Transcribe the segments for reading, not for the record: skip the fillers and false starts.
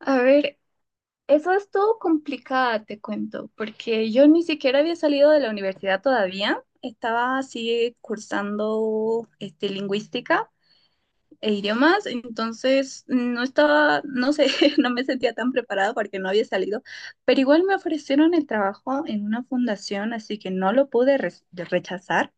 A ver, eso es todo complicado, te cuento, porque yo ni siquiera había salido de la universidad todavía. Estaba así cursando lingüística e idiomas, entonces no estaba, no sé, no me sentía tan preparada porque no había salido, pero igual me ofrecieron el trabajo en una fundación, así que no lo pude rechazar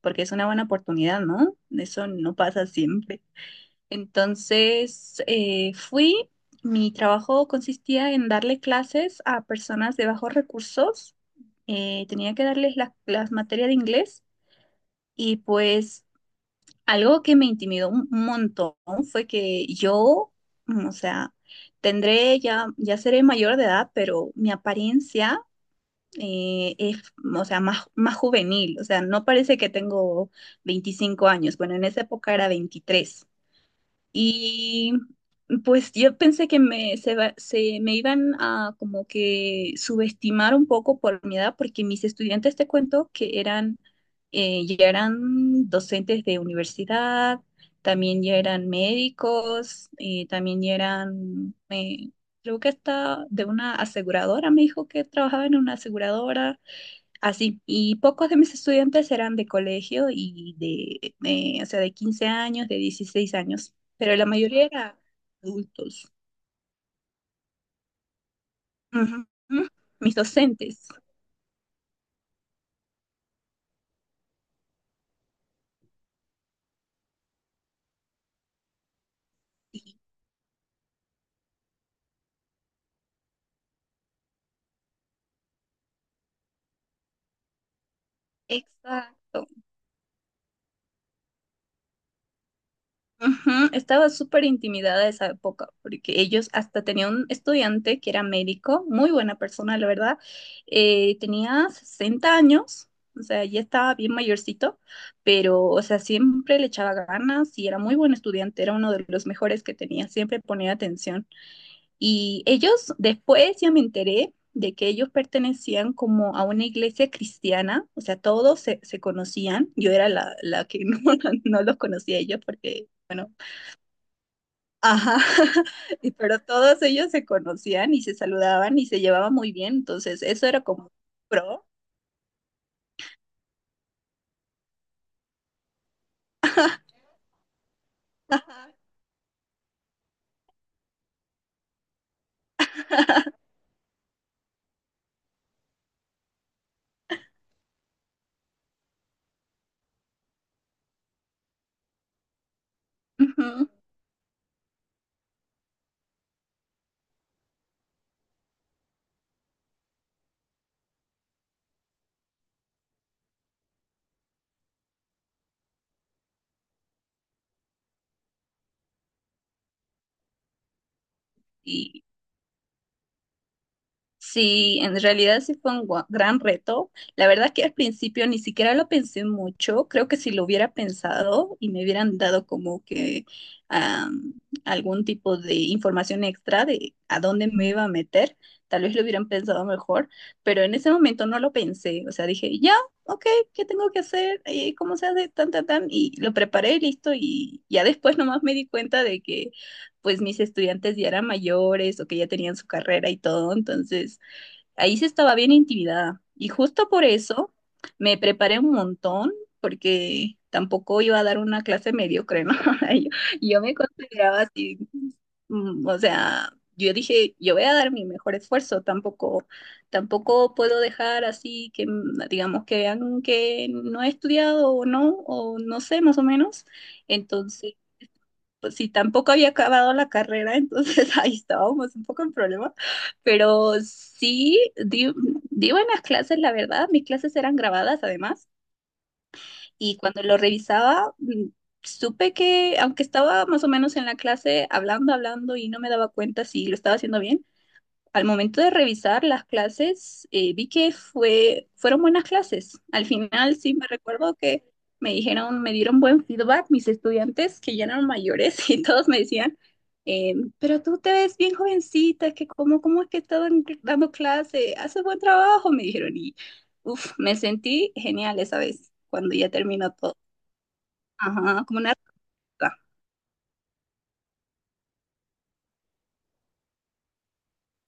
porque es una buena oportunidad, ¿no? Eso no pasa siempre. Entonces fui, mi trabajo consistía en darle clases a personas de bajos recursos, tenía que darles las materias de inglés y pues algo que me intimidó un montón fue que yo, mm, o sea, tendré ya, ya seré mayor de edad, pero mi apariencia es, o sea, más, más juvenil, o sea, no parece que tengo 25 años, bueno, en esa época era 23. Y pues yo pensé que se me iban a como que subestimar un poco por mi edad, porque mis estudiantes, te cuento, que eran, ya eran docentes de universidad, también ya eran médicos, también ya eran, creo que hasta de una aseguradora, me dijo que trabajaba en una aseguradora. Así, y pocos de mis estudiantes eran de colegio y o sea, de 15 años, de 16 años, pero la mayoría era adultos. Ujú. Mis docentes. Exacto. Ujú, estaba súper intimidada esa época, porque ellos hasta tenían un estudiante que era médico, muy buena persona, la verdad. Tenía 60 años, o sea, ya estaba bien mayorcito, pero, o sea, siempre le echaba ganas y era muy buen estudiante, era uno de los mejores que tenía, siempre ponía atención. Y ellos, después ya me enteré de que ellos pertenecían como a una iglesia cristiana, o sea, se conocían, yo era la que no, no los conocía a ellos porque bueno, ajá, y pero todos ellos se conocían y se saludaban y se llevaban muy bien, entonces eso era como un pro. Ajá. Ujú. Sí, en realidad sí fue un gran reto. La verdad que al principio ni siquiera lo pensé mucho. Creo que si lo hubiera pensado y me hubieran dado como que am, algún tipo de información extra de a dónde me iba a meter, tal vez lo hubieran pensado mejor, pero en ese momento no lo pensé. O sea, dije, ya, ok, ¿qué tengo que hacer? ¿Cómo se hace? Tan, tan, tan. Y lo preparé, listo. Y ya después nomás me di cuenta de que pues mis estudiantes ya eran mayores o que ya tenían su carrera y todo. Entonces, ahí sí estaba bien intimidada. Y justo por eso me preparé un montón, porque tampoco iba a dar una clase mediocre, ¿no? Y Yo, y yo me consideraba así, mm, o sea, yo dije, yo voy a dar mi mejor esfuerzo, tampoco, tampoco puedo dejar así que, digamos, que vean que no he estudiado o no sé, más o menos. Entonces, pues sí, tampoco había acabado la carrera, entonces ahí estábamos un poco en problema, pero sí di, di buenas clases, la verdad, mis clases eran grabadas además, y cuando lo revisaba, supe que aunque estaba más o menos en la clase hablando, hablando y no me daba cuenta si lo estaba haciendo bien, al momento de revisar las clases, vi que fueron buenas clases. Al final sí me recuerdo que me dijeron, me dieron buen feedback mis estudiantes que ya eran mayores y todos me decían, eh, pero tú te ves bien jovencita, es que cómo, cómo es que estás dando clase, haces buen trabajo, me dijeron y uf, me sentí genial esa vez cuando ya terminó todo. Ajá, como una roca.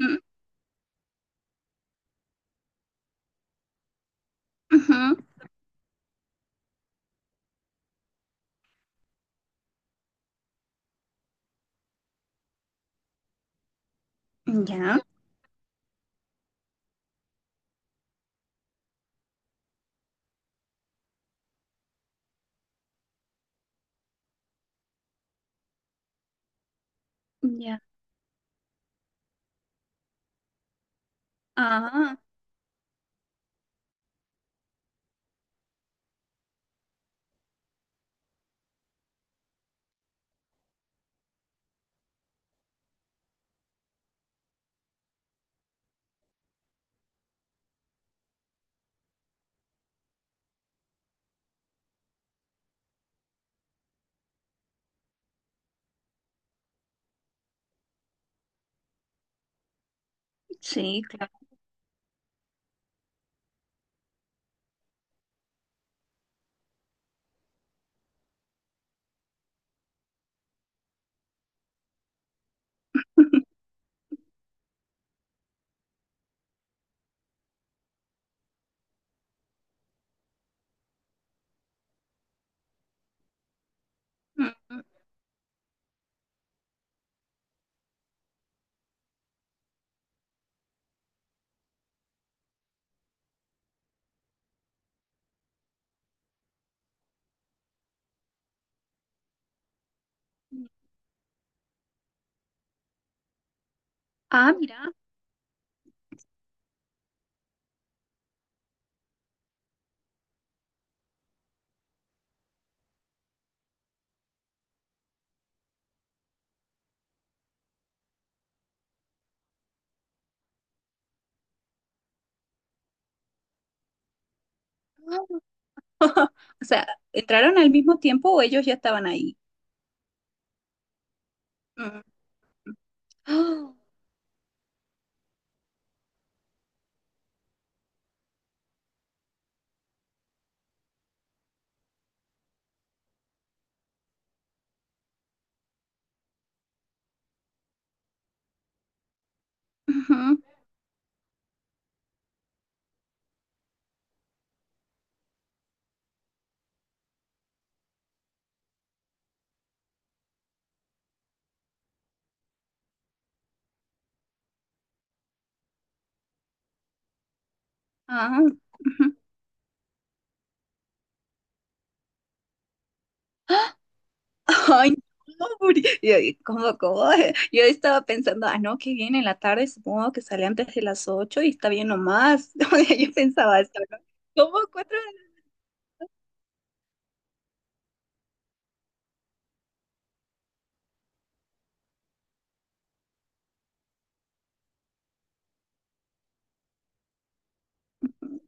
Mm, ujú. Ya, ya. Ah, sí, claro. Mm, mm. Ah, mira. O sea, ¿entraron al mismo tiempo o ellos ya estaban ahí? Mm. Ah, ujú, ah, ujú. Ay, no, Uri. Yo, y, ¿cómo, cómo? Yo estaba pensando, ah, no, que viene en la tarde, supongo que sale antes de las 8 y está bien nomás. O sea, yo pensaba esto, ¿no? ¿Cómo cuatro de-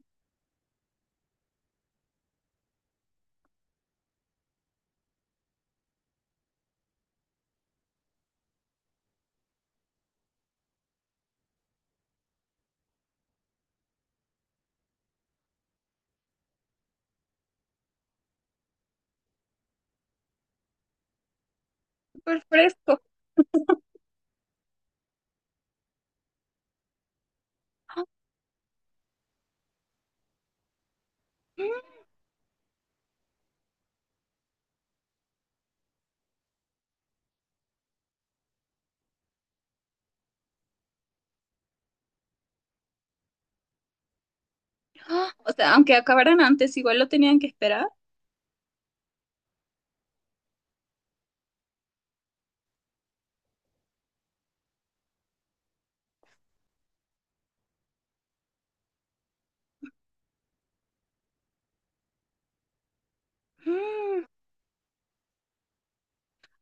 súper fresco? Ah, mm, ah. O sea, aunque acabaran antes, igual lo tenían que esperar. Mm.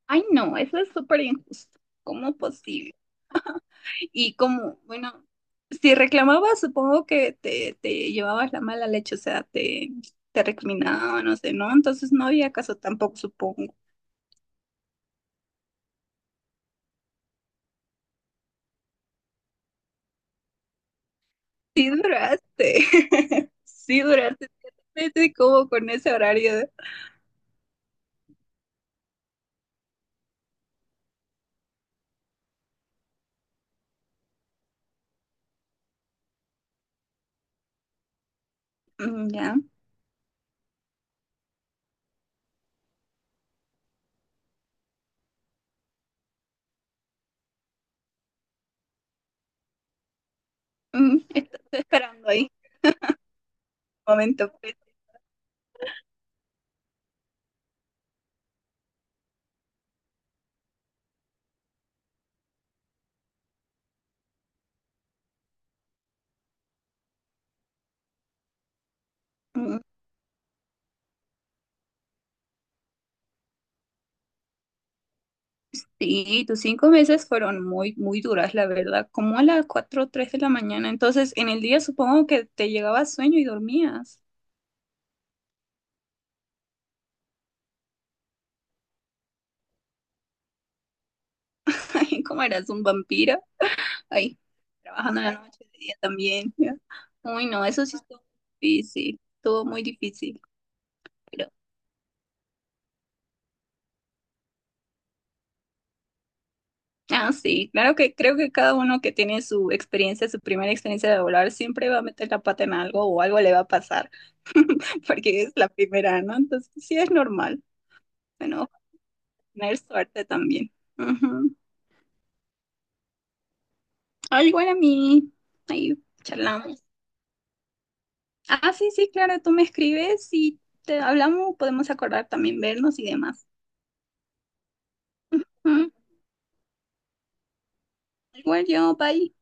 Ay, no, eso es súper injusto. ¿Cómo posible? Y como, bueno, si reclamabas, supongo que te llevabas la mala leche, o sea, te recriminaban, no sé, ¿no? Entonces no había caso tampoco, supongo. Sí duraste, sí duraste 7 meses como con ese horario. Ya, estoy esperando ahí un momento. Pues. Mm, Sí, tus 5 meses fueron muy, muy duras, la verdad, como a las cuatro o 3 de la mañana. Entonces, en el día supongo que te llegaba sueño y dormías. Ay, como eras un vampiro. Ay, trabajando en la noche, de día también. Ya. Uy, no, eso sí estuvo difícil, estuvo muy difícil. Pero, ah, sí, claro que creo que cada uno que tiene su experiencia, su primera experiencia de volar, siempre va a meter la pata en algo o algo le va a pasar, porque es la primera, ¿no? Entonces, sí es normal. Bueno, tener suerte también. Ujú. Ah, igual a mí, ahí charlamos. Ah, sí, sí, claro, tú me escribes y te hablamos, podemos acordar también vernos y demás. Mm, Igual yo, bye.